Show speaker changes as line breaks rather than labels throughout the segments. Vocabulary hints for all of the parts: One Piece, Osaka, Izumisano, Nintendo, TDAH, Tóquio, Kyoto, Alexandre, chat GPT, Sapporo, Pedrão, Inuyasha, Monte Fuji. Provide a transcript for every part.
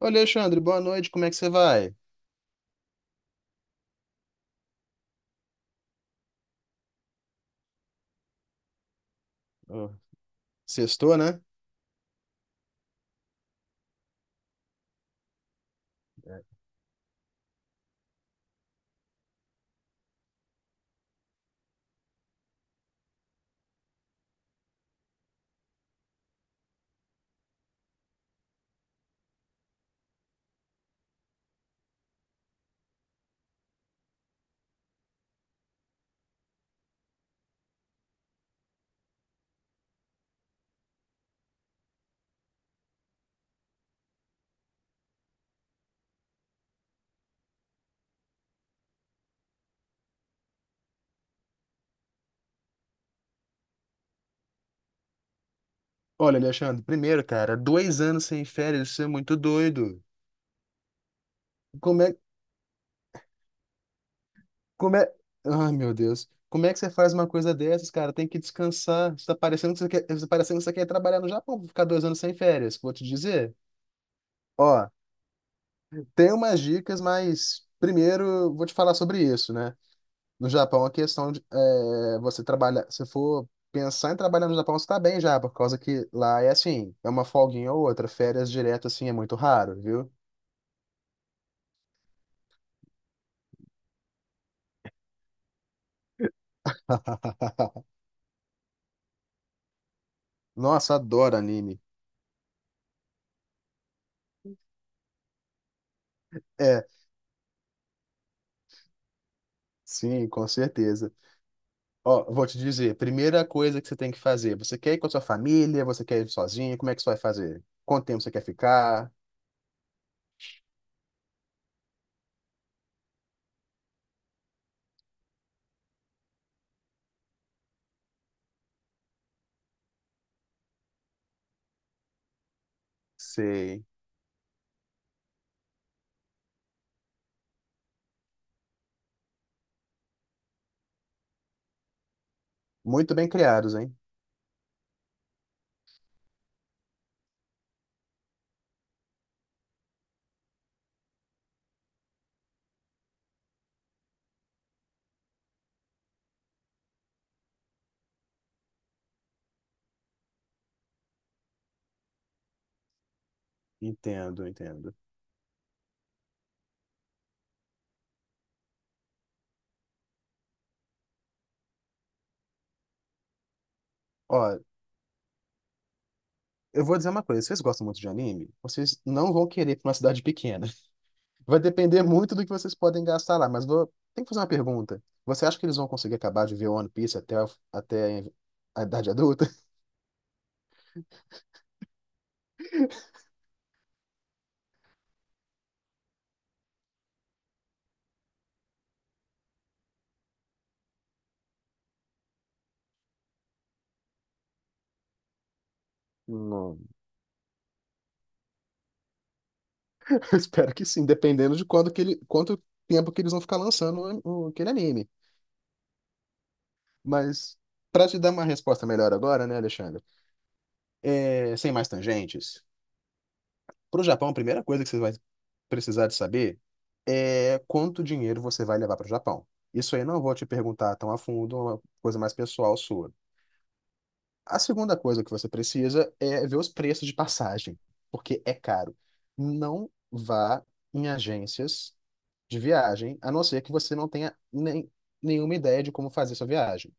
Olha, Alexandre, boa noite, como é que você vai? Ô, sextou, né? É. Olha, Alexandre, primeiro, cara, 2 anos sem férias, isso é muito doido. Como é, como é... Ai, meu Deus. Como é que você faz uma coisa dessas, cara? Tem que descansar. Você tá parecendo que você quer trabalhar no Japão pra ficar 2 anos sem férias, vou te dizer. Ó, tem umas dicas, mas primeiro vou te falar sobre isso, né? No Japão, a questão de você trabalhar. Se for pensar em trabalhar no Japão, você tá bem já, por causa que lá é assim, é uma folguinha ou outra. Férias direto, assim, é muito raro, viu? Nossa, adoro anime. É, sim, com certeza. Ó, vou te dizer, primeira coisa que você tem que fazer, você quer ir com a sua família, você quer ir sozinho, como é que você vai fazer? Quanto tempo você quer ficar? Sei. Muito bem criados, hein? Entendo, entendo. Ó, eu vou dizer uma coisa, vocês gostam muito de anime? Vocês não vão querer ir pra uma cidade pequena. Vai depender muito do que vocês podem gastar lá, mas tem que fazer uma pergunta. Você acha que eles vão conseguir acabar de ver One Piece até a idade adulta? Não. Eu espero que sim, dependendo de quanto tempo que eles vão ficar lançando aquele anime. Mas, para te dar uma resposta melhor agora, né, Alexandre? É, sem mais tangentes, para o Japão, a primeira coisa que você vai precisar de saber é quanto dinheiro você vai levar para o Japão. Isso aí eu não vou te perguntar tão a fundo, é uma coisa mais pessoal sua. A segunda coisa que você precisa é ver os preços de passagem, porque é caro. Não vá em agências de viagem, a não ser que você não tenha nem, nenhuma ideia de como fazer sua viagem,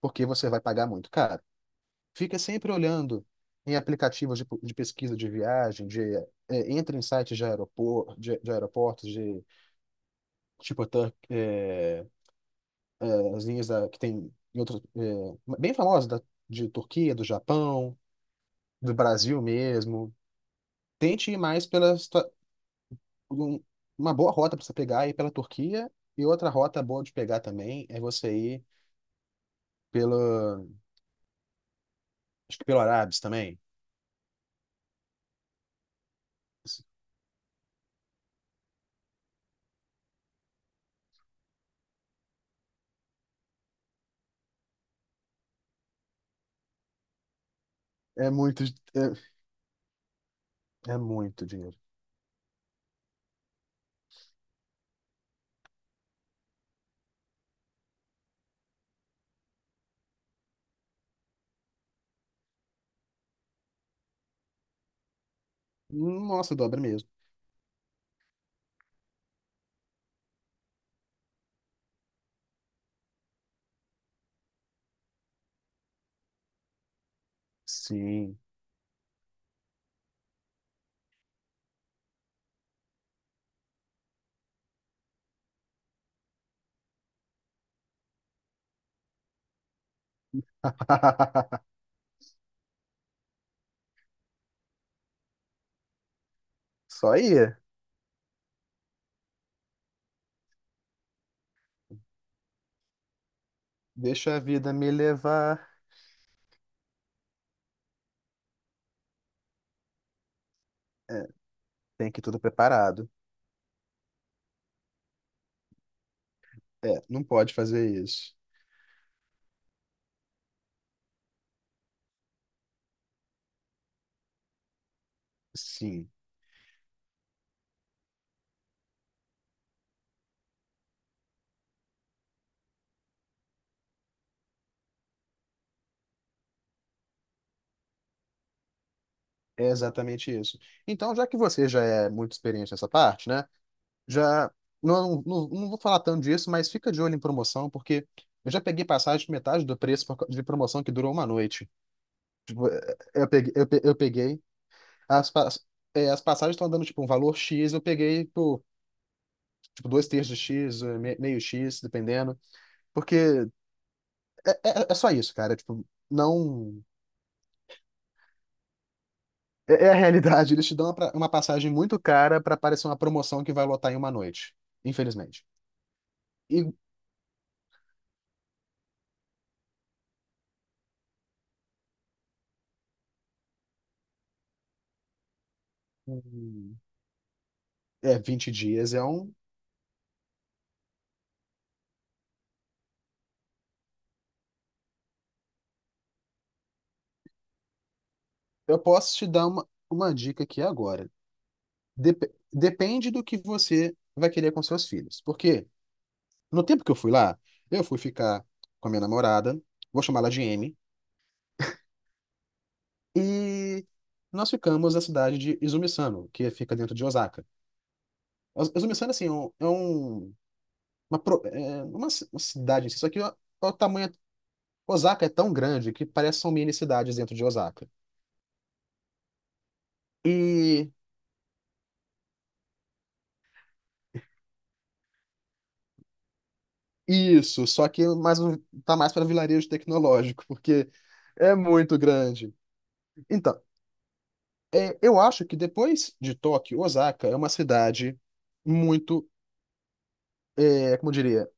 porque você vai pagar muito caro. Fica sempre olhando em aplicativos de pesquisa de viagem, entra em sites de aeroportos, de tipo as linhas que tem em outros, bem famosas de Turquia, do Japão, do Brasil mesmo. Tente ir mais pela um- uma boa rota para você pegar ir pela Turquia e outra rota boa de pegar também é você ir pelo acho que pelo Arábis também. É muito é, é muito dinheiro. Nossa, dobra mesmo. Sim. Só ia. Deixa a vida me levar. É, tem que ir tudo preparado. É, não pode fazer isso. Sim, é exatamente isso. Então, já que você já é muito experiente nessa parte, né? Já não vou falar tanto disso, mas fica de olho em promoção, porque eu já peguei passagem de metade do preço por causa de promoção que durou uma noite. Tipo, eu peguei as, pa- as passagens estão dando tipo um valor X, eu peguei por tipo dois terços de X, meio X, dependendo, porque é só isso, cara. Tipo, não é a realidade. Eles te dão uma passagem muito cara para parecer uma promoção que vai lotar em uma noite, infelizmente. E hum, É 20 dias. Eu posso te dar uma dica aqui agora. Depende do que você vai querer com seus filhos. Porque no tempo que eu fui lá, eu fui ficar com a minha namorada, vou chamá-la de M, e nós ficamos na cidade de Izumisano, que fica dentro de Osaka. Izumisano, assim, uma cidade em si, só que o tamanho. Osaka é tão grande que parece que são mini cidades dentro de Osaka. E Isso, só que tá mais para vilarejo tecnológico, porque é muito grande. Então, eu acho que depois de Tóquio, Osaka é uma cidade muito, como eu diria,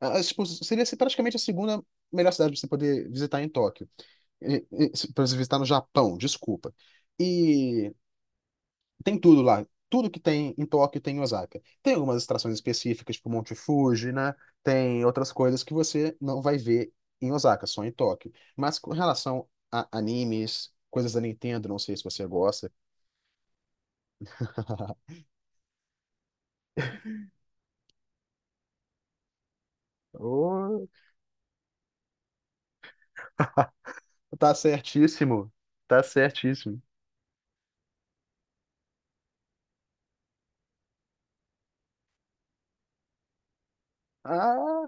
tipo, seria assim, praticamente a segunda melhor cidade para você poder visitar em Tóquio, para você visitar no Japão, desculpa. Tem tudo lá. Tudo que tem em Tóquio tem em Osaka. Tem algumas extrações específicas, tipo Monte Fuji, né? Tem outras coisas que você não vai ver em Osaka, só em Tóquio. Mas com relação a animes, coisas da Nintendo, não sei se você gosta. Ô, tá certíssimo. Tá certíssimo. Ah,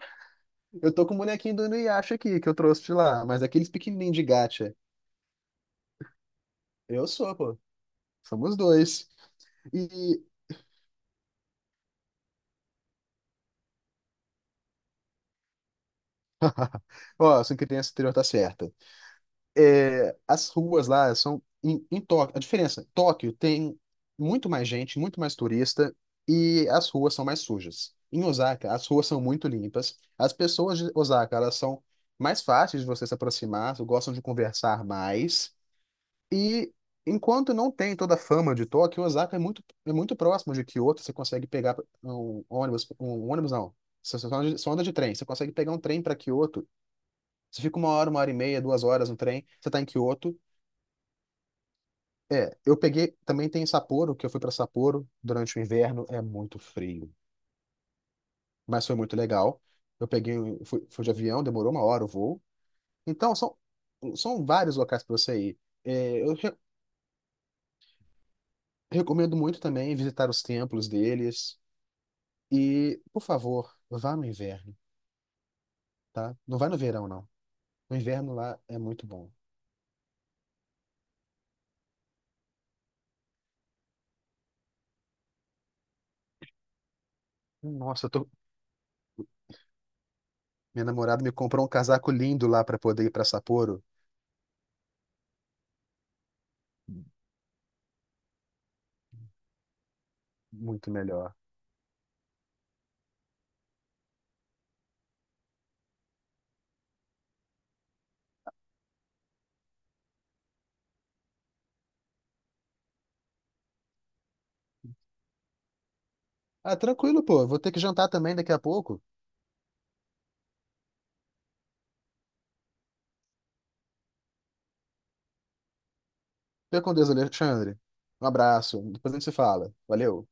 eu tô com o bonequinho do Inuyasha aqui, que eu trouxe de lá, mas aqueles pequenininhos de gacha. Eu sou, pô. Somos dois. E, Ó, sua criança anterior tá certa. As ruas lá são em Tóquio. A diferença, Tóquio tem muito mais gente, muito mais turista e as ruas são mais sujas. Em Osaka, as ruas são muito limpas. As pessoas de Osaka, elas são mais fáceis de você se aproximar, gostam de conversar mais. E enquanto não tem toda a fama de Tóquio, Osaka é muito próximo de Kyoto. Você consegue pegar um ônibus não. Você só anda de trem. Você consegue pegar um trem para Kyoto. Você fica 1 hora, 1 hora e meia, 2 horas no trem. Você está em Kyoto. É, eu peguei. Também tem Sapporo, que eu fui pra Sapporo durante o inverno. É muito frio, mas foi muito legal. Eu peguei, um- fui, fui de avião, demorou 1 hora o voo. Então, são vários locais pra você ir. É, eu recomendo muito também visitar os templos deles. E, por favor, vá no inverno, tá? Não vai no verão, não. O inverno lá é muito bom. Nossa, minha namorada me comprou um casaco lindo lá pra poder ir pra Sapporo. Muito melhor. Ah, tranquilo, pô. Vou ter que jantar também daqui a pouco. Fica com Deus, Alexandre. Um abraço. Depois a gente se fala. Valeu.